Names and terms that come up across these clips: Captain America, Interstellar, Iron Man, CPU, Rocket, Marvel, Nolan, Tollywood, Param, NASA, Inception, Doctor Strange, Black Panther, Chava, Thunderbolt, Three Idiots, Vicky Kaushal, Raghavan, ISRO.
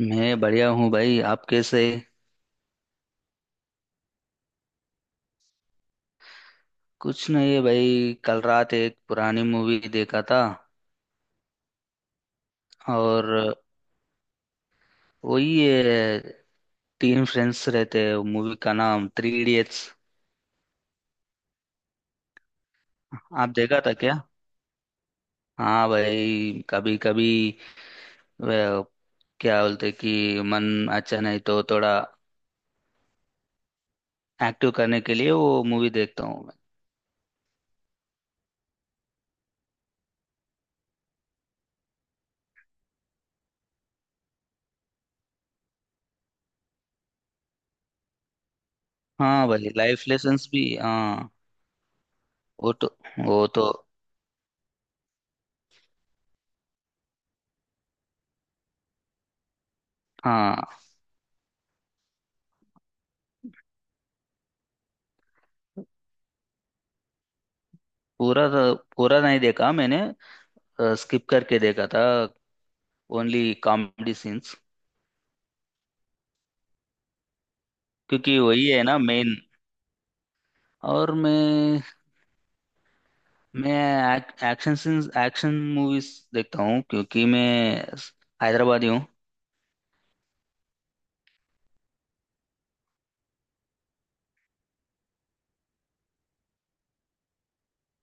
मैं बढ़िया हूँ भाई। आप कैसे? कुछ नहीं भाई, कल रात एक पुरानी मूवी देखा था। और वही है। तीन फ्रेंड्स रहते हैं, मूवी का नाम थ्री इडियट्स। आप देखा था क्या? हाँ भाई, कभी कभी। वह, क्या बोलते कि मन अच्छा नहीं तो थोड़ा एक्टिव करने के लिए वो मूवी देखता हूँ मैं। हाँ भाई, लाइफ लेसन्स भी। हाँ। वो तो वो तो हाँ। पूरा नहीं देखा मैंने। स्किप करके देखा था। Only comedy scenes. क्योंकि वही है ना मेन। और मैं एक्शन सीन्स, एक्शन मूवीज देखता हूँ, क्योंकि मैं हैदराबादी हूँ।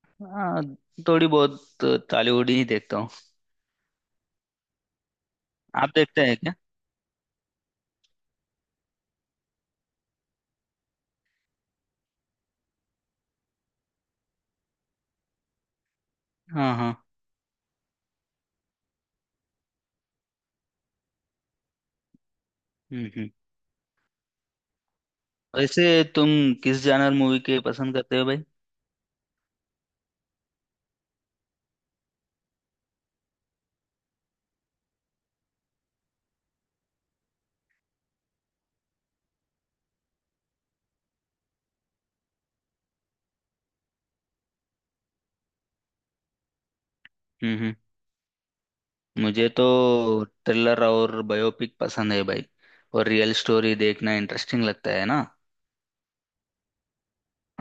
हाँ, थोड़ी बहुत टॉलीवुड ही देखता हूँ। आप देखते हैं क्या? हाँ हाँ। हम्म। वैसे तुम किस जानर मूवी के पसंद करते हो भाई? हम्म। मुझे तो थ्रिलर और बायोपिक पसंद है भाई। और रियल स्टोरी देखना इंटरेस्टिंग लगता है ना।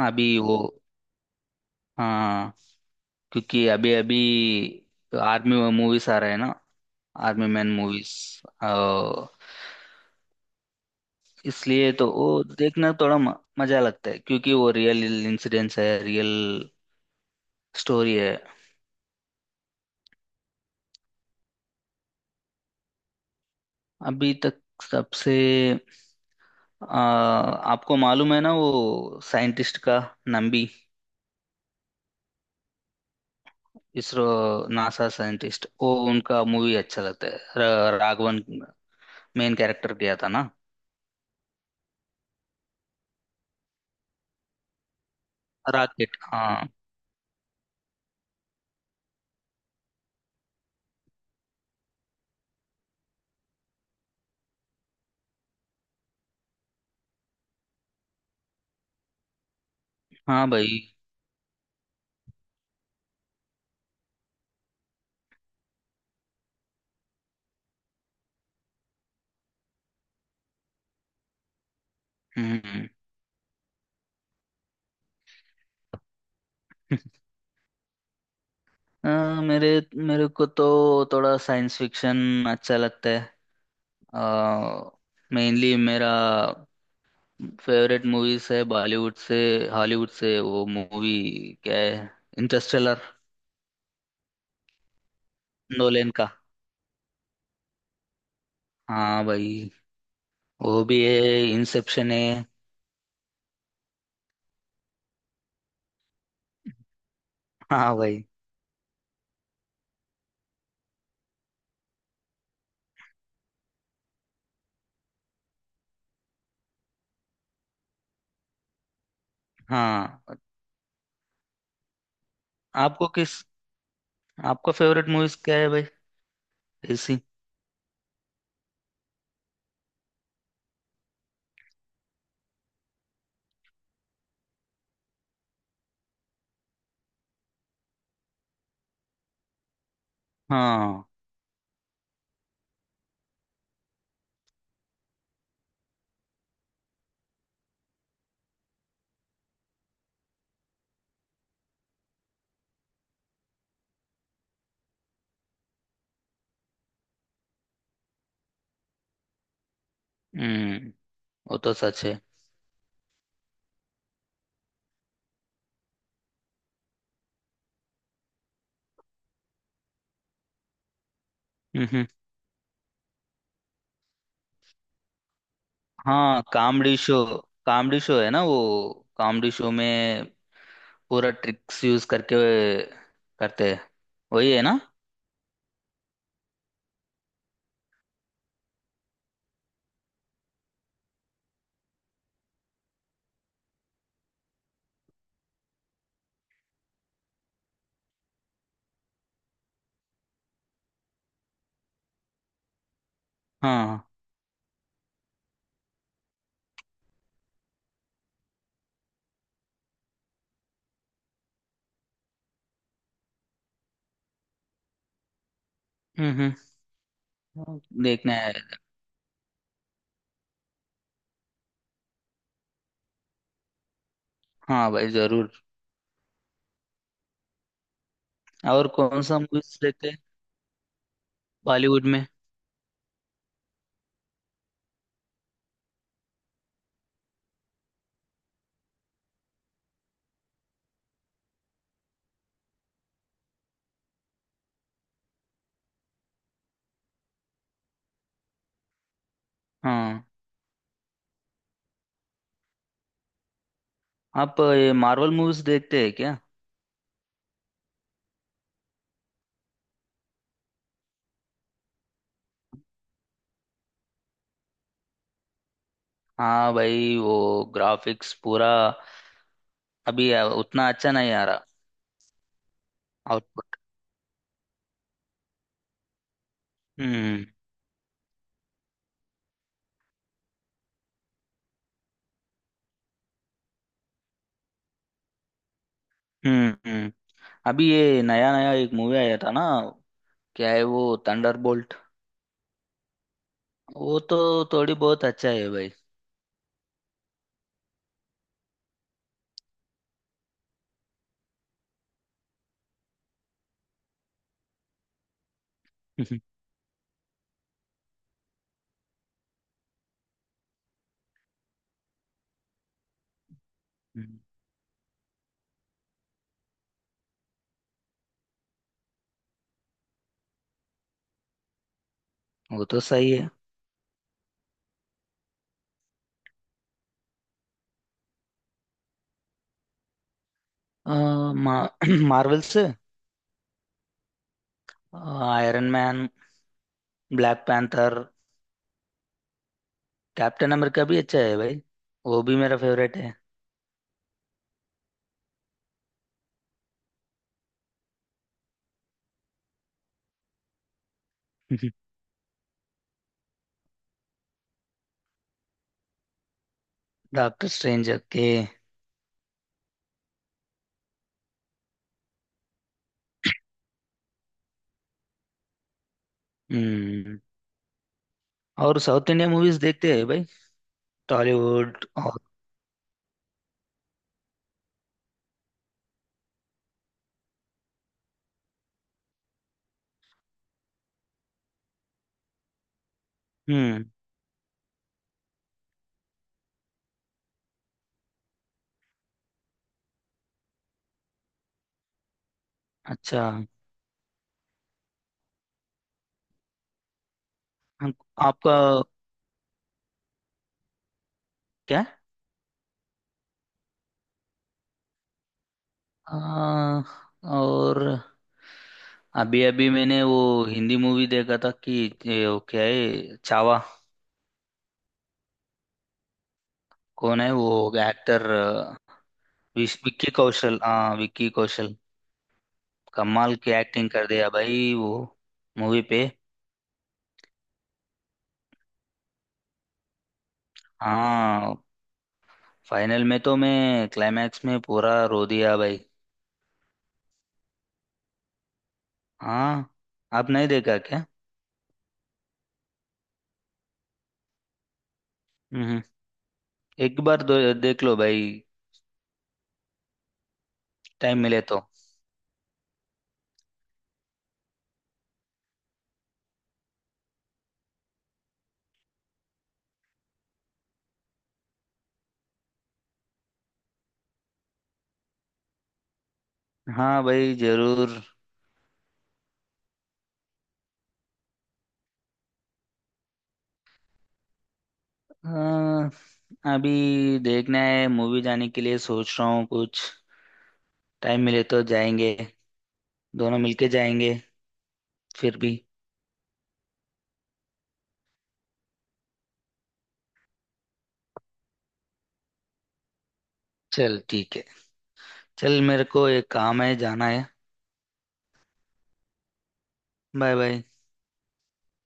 अभी वो। हाँ। क्योंकि अभी अभी तो आर्मी मूवीज आ रहे हैं ना। Army man movies. इसलिए तो वो देखना थोड़ा मजा लगता है, क्योंकि वो रियल इंसिडेंट्स है, रियल स्टोरी है। अभी तक सबसे। आ, आपको मालूम है ना, वो साइंटिस्ट का। नंबी। इसरो। नासा साइंटिस्ट, वो उनका मूवी अच्छा लगता है, राघवन। मेन कैरेक्टर किया था ना। रॉकेट। हाँ। हाँ भाई। हम्म। अ, मेरे मेरे को तो थोड़ा साइंस फिक्शन अच्छा लगता है। मेनली मेरा फेवरेट मूवीज है बॉलीवुड से। हॉलीवुड से वो मूवी क्या है, इंटरस्टेलर। नोलन का। हाँ भाई। वो भी है, इंसेप्शन है। हाँ भाई। हाँ। आपको किस आपका फेवरेट मूवीज क्या है भाई? ऐसी। हाँ। हम्म। वो तो सच है। हम्म हम्म। हाँ, कॉमेडी शो, कॉमेडी शो है ना वो। कॉमेडी शो में पूरा ट्रिक्स यूज करके करते हैं। वही है ना। हाँ। हम्म हम्म। देखना है। हाँ भाई जरूर। और कौन सा मूवीज देखते हैं बॉलीवुड में? हाँ। आप ये मार्वल मूवीज देखते हैं क्या? हाँ भाई, वो ग्राफिक्स पूरा अभी उतना अच्छा नहीं आ रहा। आउटपुट। हम्म हम्म। हम्म। अभी ये नया नया एक मूवी आया था ना। क्या है वो? थंडरबोल्ट। वो तो थोड़ी बहुत अच्छा है भाई। हम्म। वो तो सही है। अ, मा, मार्वल से। Iron man. Black panther. Captain America भी अच्छा है भाई। वो भी मेरा फेवरेट है। डॉक्टर स्ट्रेंज के। हम्म। और साउथ इंडिया मूवीज देखते हैं भाई? टॉलीवुड और। हम्म। अच्छा। हम- आपका क्या? अ, और अभी अभी मैंने वो हिंदी मूवी देखा था कि ये वो क्या है, चावा। कौन है वो एक्टर? विक्की कौशल। हाँ, विक्की कौशल। कमाल की एक्टिंग कर दिया भाई वो मूवी पे। हाँ। फाइनल में तो मैं क्लाइमैक्स में पूरा रो दिया भाई। हाँ। आप नहीं देखा क्या? हम्म। एक बार देख लो भाई। टाइम मिले तो। हाँ भाई जरूर। अ, अभी देखना है मूवी जाने के लिए सोच रहा हूँ कुछ। टाइम मिले तो जाएंगे। दोनों मिलके जाएंगे। फिर भी। चल ठीक है। चल मेरे को एक काम है जाना है। Bye bye.